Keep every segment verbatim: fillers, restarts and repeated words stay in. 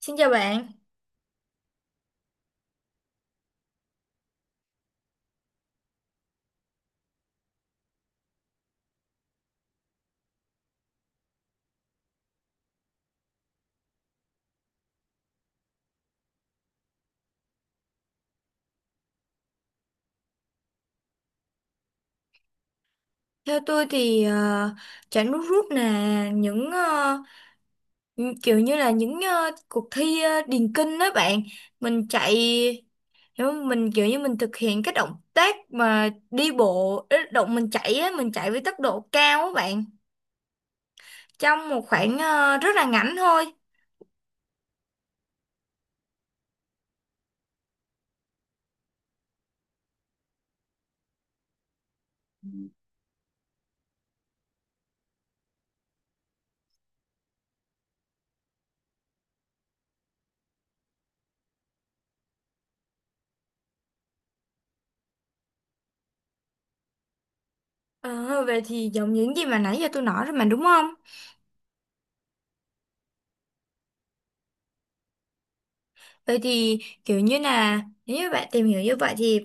Xin chào bạn. Theo tôi thì ờ, chả nước rút là những ờ, những- kiểu như là những ờ, cuộc thi ờ, điền kinh đó bạn. Mình chạy hiểu không? Mình kiểu như mình thực hiện cái động tác mà đi bộ, ý, động mình chạy á, mình chạy với tốc độ cao á bạn. Trong một khoảng ờ, rất là ngắn thôi. Ờ, về thì giống những gì mà nãy giờ tôi nói rồi mà đúng không? Vậy thì kiểu như là nếu như bạn tìm hiểu như vậy thì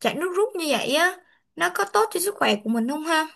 chạy nước rút như vậy á nó có tốt cho sức khỏe của mình không ha?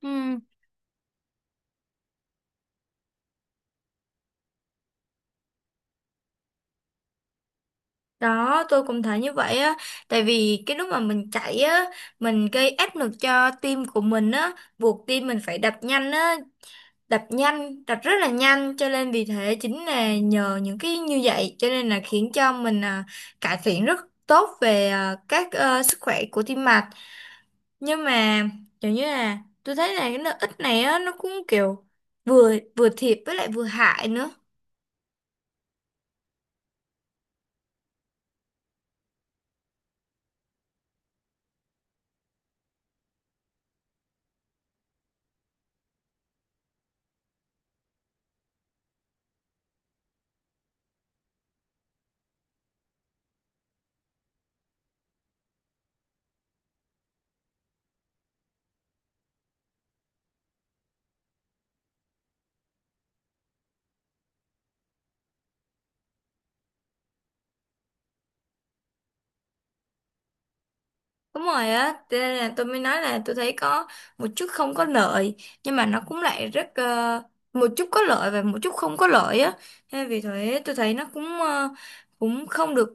Ừ. Đó, tôi cũng thấy như vậy á, tại vì cái lúc mà mình chạy á, mình gây áp lực cho tim của mình á, buộc tim mình phải đập nhanh á, đập nhanh, đập rất là nhanh, cho nên vì thế chính là nhờ những cái như vậy, cho nên là khiến cho mình à, cải thiện rất tốt về à, các ờ, sức khỏe của tim mạch. Nhưng mà kiểu như là tôi thấy là cái lợi ích này á nó cũng kiểu vừa vừa thiệt với lại vừa hại nữa. Đúng rồi á, cho nên là tôi mới nói là tôi thấy có một chút không có lợi, nhưng mà nó cũng lại rất ờ, một chút có lợi và một chút không có lợi á, nên vì thế tôi thấy nó cũng ờ, cũng không được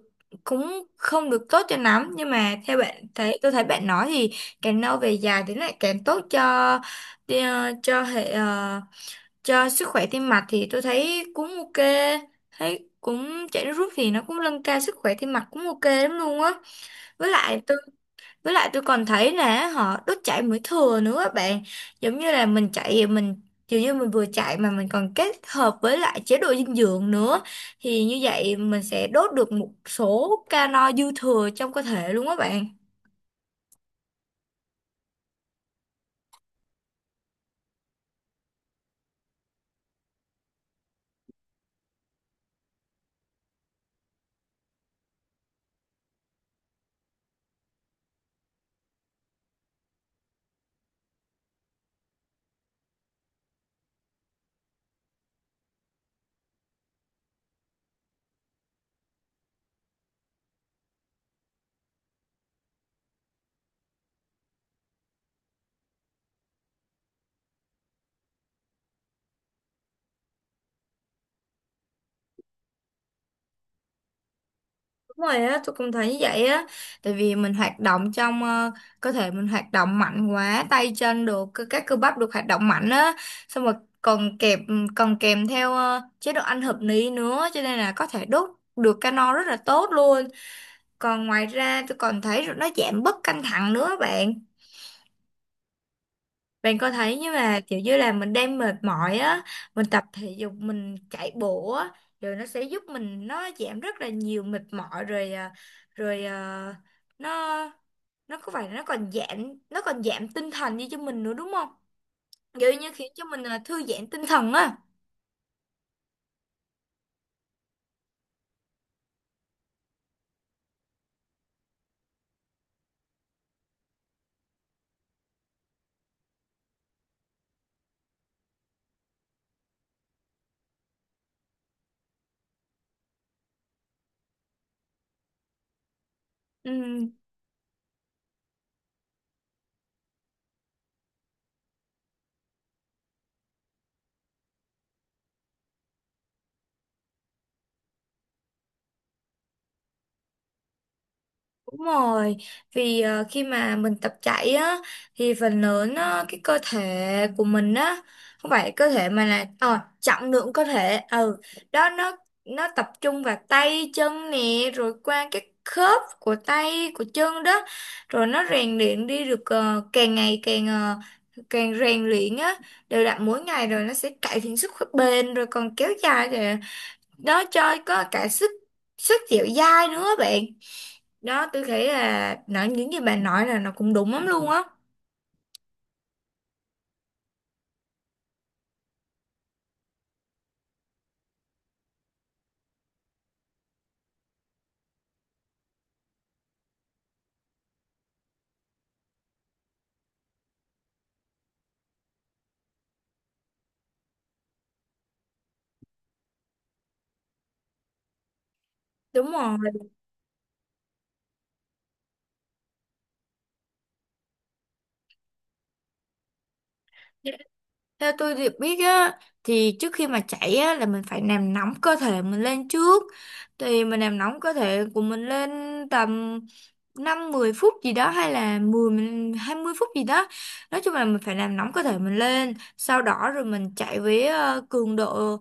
cũng không được tốt cho lắm. Nhưng mà theo bạn thấy tôi thấy bạn nói thì càng lâu về dài thì nó lại càng tốt cho ờ, cho hệ ờ, cho sức khỏe tim mạch, thì tôi thấy cũng ok. Thấy cũng chạy nước rút thì nó cũng nâng cao sức khỏe tim mạch cũng ok lắm luôn á. Với lại tôi với lại tôi còn thấy là họ đốt chạy mỡ thừa nữa á bạn, giống như là mình chạy mình kiểu như mình vừa chạy mà mình còn kết hợp với lại chế độ dinh dưỡng nữa thì như vậy mình sẽ đốt được một số calo dư thừa trong cơ thể luôn á bạn. Đúng rồi á, tôi cũng thấy như vậy á. Tại vì mình hoạt động trong ờ, cơ thể mình hoạt động mạnh quá. Tay chân được, cơ- các cơ bắp được hoạt động mạnh á. Xong rồi còn kèm Còn kèm theo ờ, chế độ ăn hợp lý nữa, cho nên là có thể đốt được calo rất là tốt luôn. Còn ngoài ra tôi còn thấy nó giảm bớt căng thẳng nữa bạn, bạn có thấy như là kiểu như là mình đang mệt mỏi á, mình tập thể dục, mình chạy bộ á, rồi nó sẽ giúp mình nó giảm rất là nhiều mệt mỏi rồi à, rồi à, nó nó có phải là nó còn giảm nó còn giảm tinh thần đi cho mình nữa đúng không? Kiểu như khiến cho mình à, thư giãn tinh thần á. Ừ. Đúng rồi, vì ờ, khi mà mình tập chạy á thì phần lớn á, cái cơ thể của mình á không phải cơ thể mà là ờ, trọng lượng cơ thể ừ đó nó nó tập trung vào tay chân nè rồi qua cái khớp của tay của chân đó, rồi nó rèn luyện đi được ờ, càng ngày càng ờ, càng rèn luyện á đều đặn mỗi ngày, rồi nó sẽ cải thiện sức khỏe bền rồi còn kéo dài, rồi nó cho có cả sức sức dẻo dai nữa bạn. Đó, tôi thấy là nói những gì bạn nói là nó cũng đúng lắm luôn á. Đúng rồi. Theo tôi được biết á thì trước khi mà chạy á là mình phải làm nóng cơ thể mình lên trước, thì mình làm nóng cơ thể của mình lên tầm năm mười phút gì đó, hay là mười mình- hai mươi phút gì đó. Nói chung là mình phải làm nóng cơ thể mình lên, sau đó rồi mình chạy với ờ, cường độ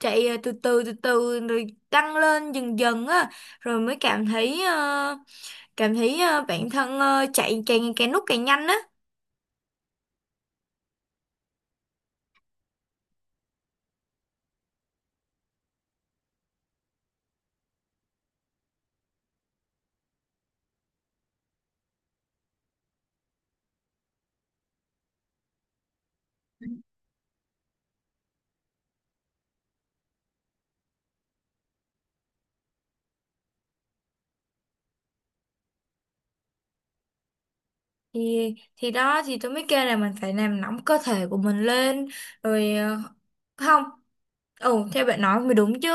chạy ờ, từ từ từ từ rồi tăng lên dần dần á, rồi mới cảm thấy ờ, cảm thấy ờ, bản thân ờ, chạy càng càng lúc càng nhanh á. Thì thì đó thì tôi mới kêu là mình phải làm nóng cơ thể của mình lên, rồi ờ, không ừ theo bạn nói mới đúng chứ,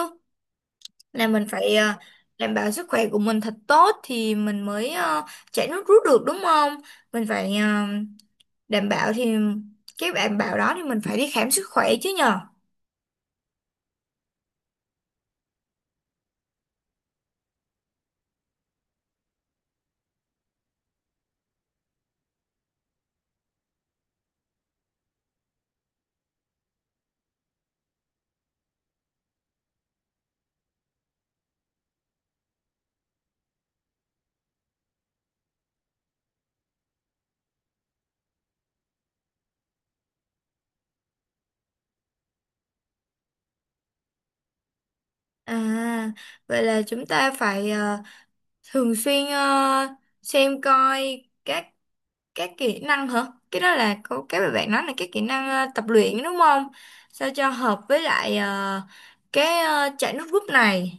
là mình phải ờ, đảm bảo sức khỏe của mình thật tốt thì mình mới ờ, chạy nước rút được đúng không. Mình phải ờ, đảm bảo, thì cái đảm bảo đó thì mình phải đi khám sức khỏe chứ nhờ. À, vậy là chúng ta phải ờ, thường xuyên ờ, xem coi các cái kỹ năng hả, cái đó là cô cái mà bạn nói là cái kỹ năng ờ, tập luyện đúng không, sao cho hợp với lại ờ, cái ờ, chạy nước rút này.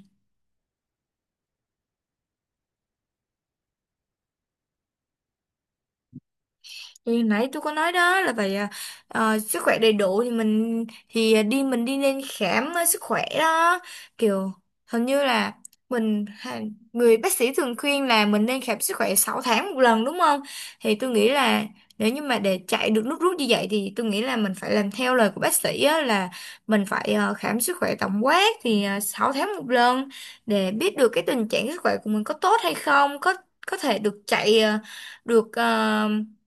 Thì nãy tôi có nói đó là phải à, ờ, sức khỏe đầy đủ, thì mình thì à, đi mình đi nên khám ờ, sức khỏe đó, kiểu hình như là mình ha- người bác sĩ thường khuyên là mình nên khám sức khỏe sáu tháng một lần đúng không? Thì tôi nghĩ là nếu như mà để chạy được nước rút như vậy thì tôi nghĩ là mình phải làm theo lời của bác sĩ á, là mình phải ờ, khám sức khỏe tổng quát thì uh, sáu tháng một lần, để biết được cái tình trạng sức khỏe của mình có tốt hay không, có có thể được chạy ờ, được ờ,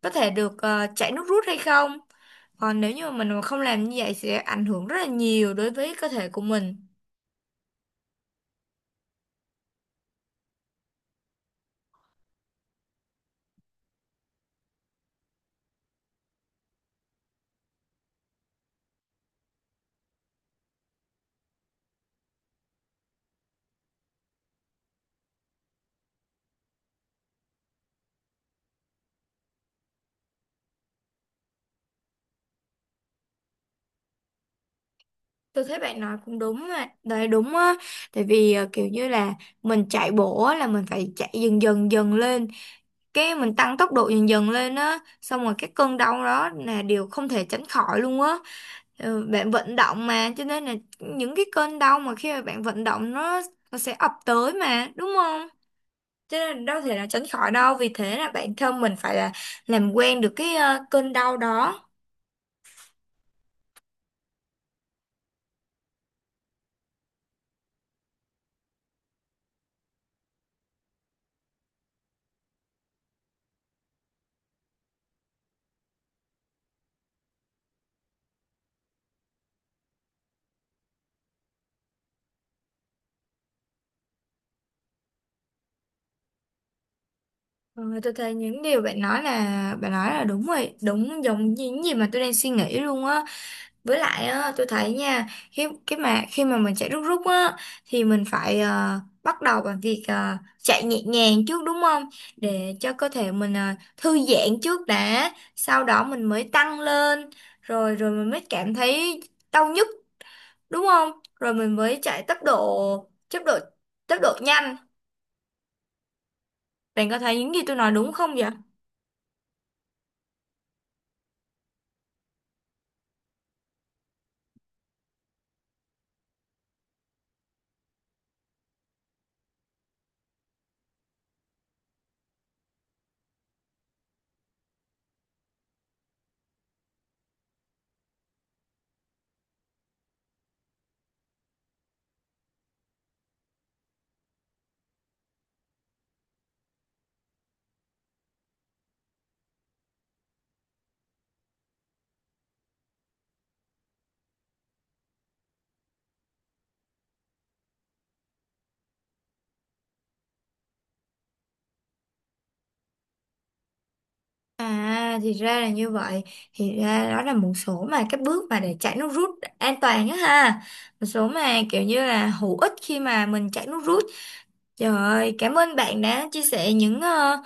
có thể được ờ, chảy nước rút hay không. Còn nếu như mà mình mà không làm như vậy sẽ ảnh hưởng rất là nhiều đối với cơ thể của mình. Tôi thấy bạn nói cũng đúng mà, đấy đúng á, tại vì ờ, kiểu như là mình chạy bộ á, là mình phải chạy dần dần dần lên, cái mình tăng tốc độ dần dần lên á, xong rồi cái cơn đau đó là điều không thể tránh khỏi luôn á. Ờ, Bạn vận động mà, cho nên là những cái cơn đau mà khi mà bạn vận động nó nó sẽ ập tới mà, đúng không? Cho nên đâu thể nào tránh khỏi đâu. Vì thế là bản thân mình phải là làm quen được cái ờ, cơn đau đó. Ờ, Tôi thấy những điều bạn nói là bạn nói là đúng rồi. Đúng giống như những gì mà tôi đang suy nghĩ luôn á. Với lại á, tôi thấy nha khi, cái mà Khi mà mình chạy rút rút á, thì mình phải ờ, bắt đầu bằng việc ờ, Chạy nhẹ nhàng trước đúng không, để cho cơ thể mình ờ, thư giãn trước đã. Sau đó mình mới tăng lên. Rồi rồi mình mới cảm thấy đau nhức đúng không? Rồi mình mới chạy tốc độ, tốc độ, tốc độ nhanh. Bạn có thấy những gì tôi nói đúng không vậy? À, thì ra là như vậy. Thì ra đó là một số mà các bước mà để chạy nước rút an toàn á ha. Một số mà kiểu như là hữu ích khi mà mình chạy nước rút. Trời ơi, cảm ơn bạn đã chia sẻ những ờ,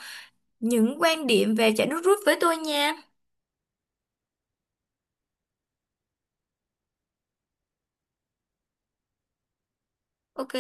những quan điểm về chạy nước rút với tôi nha. Ok.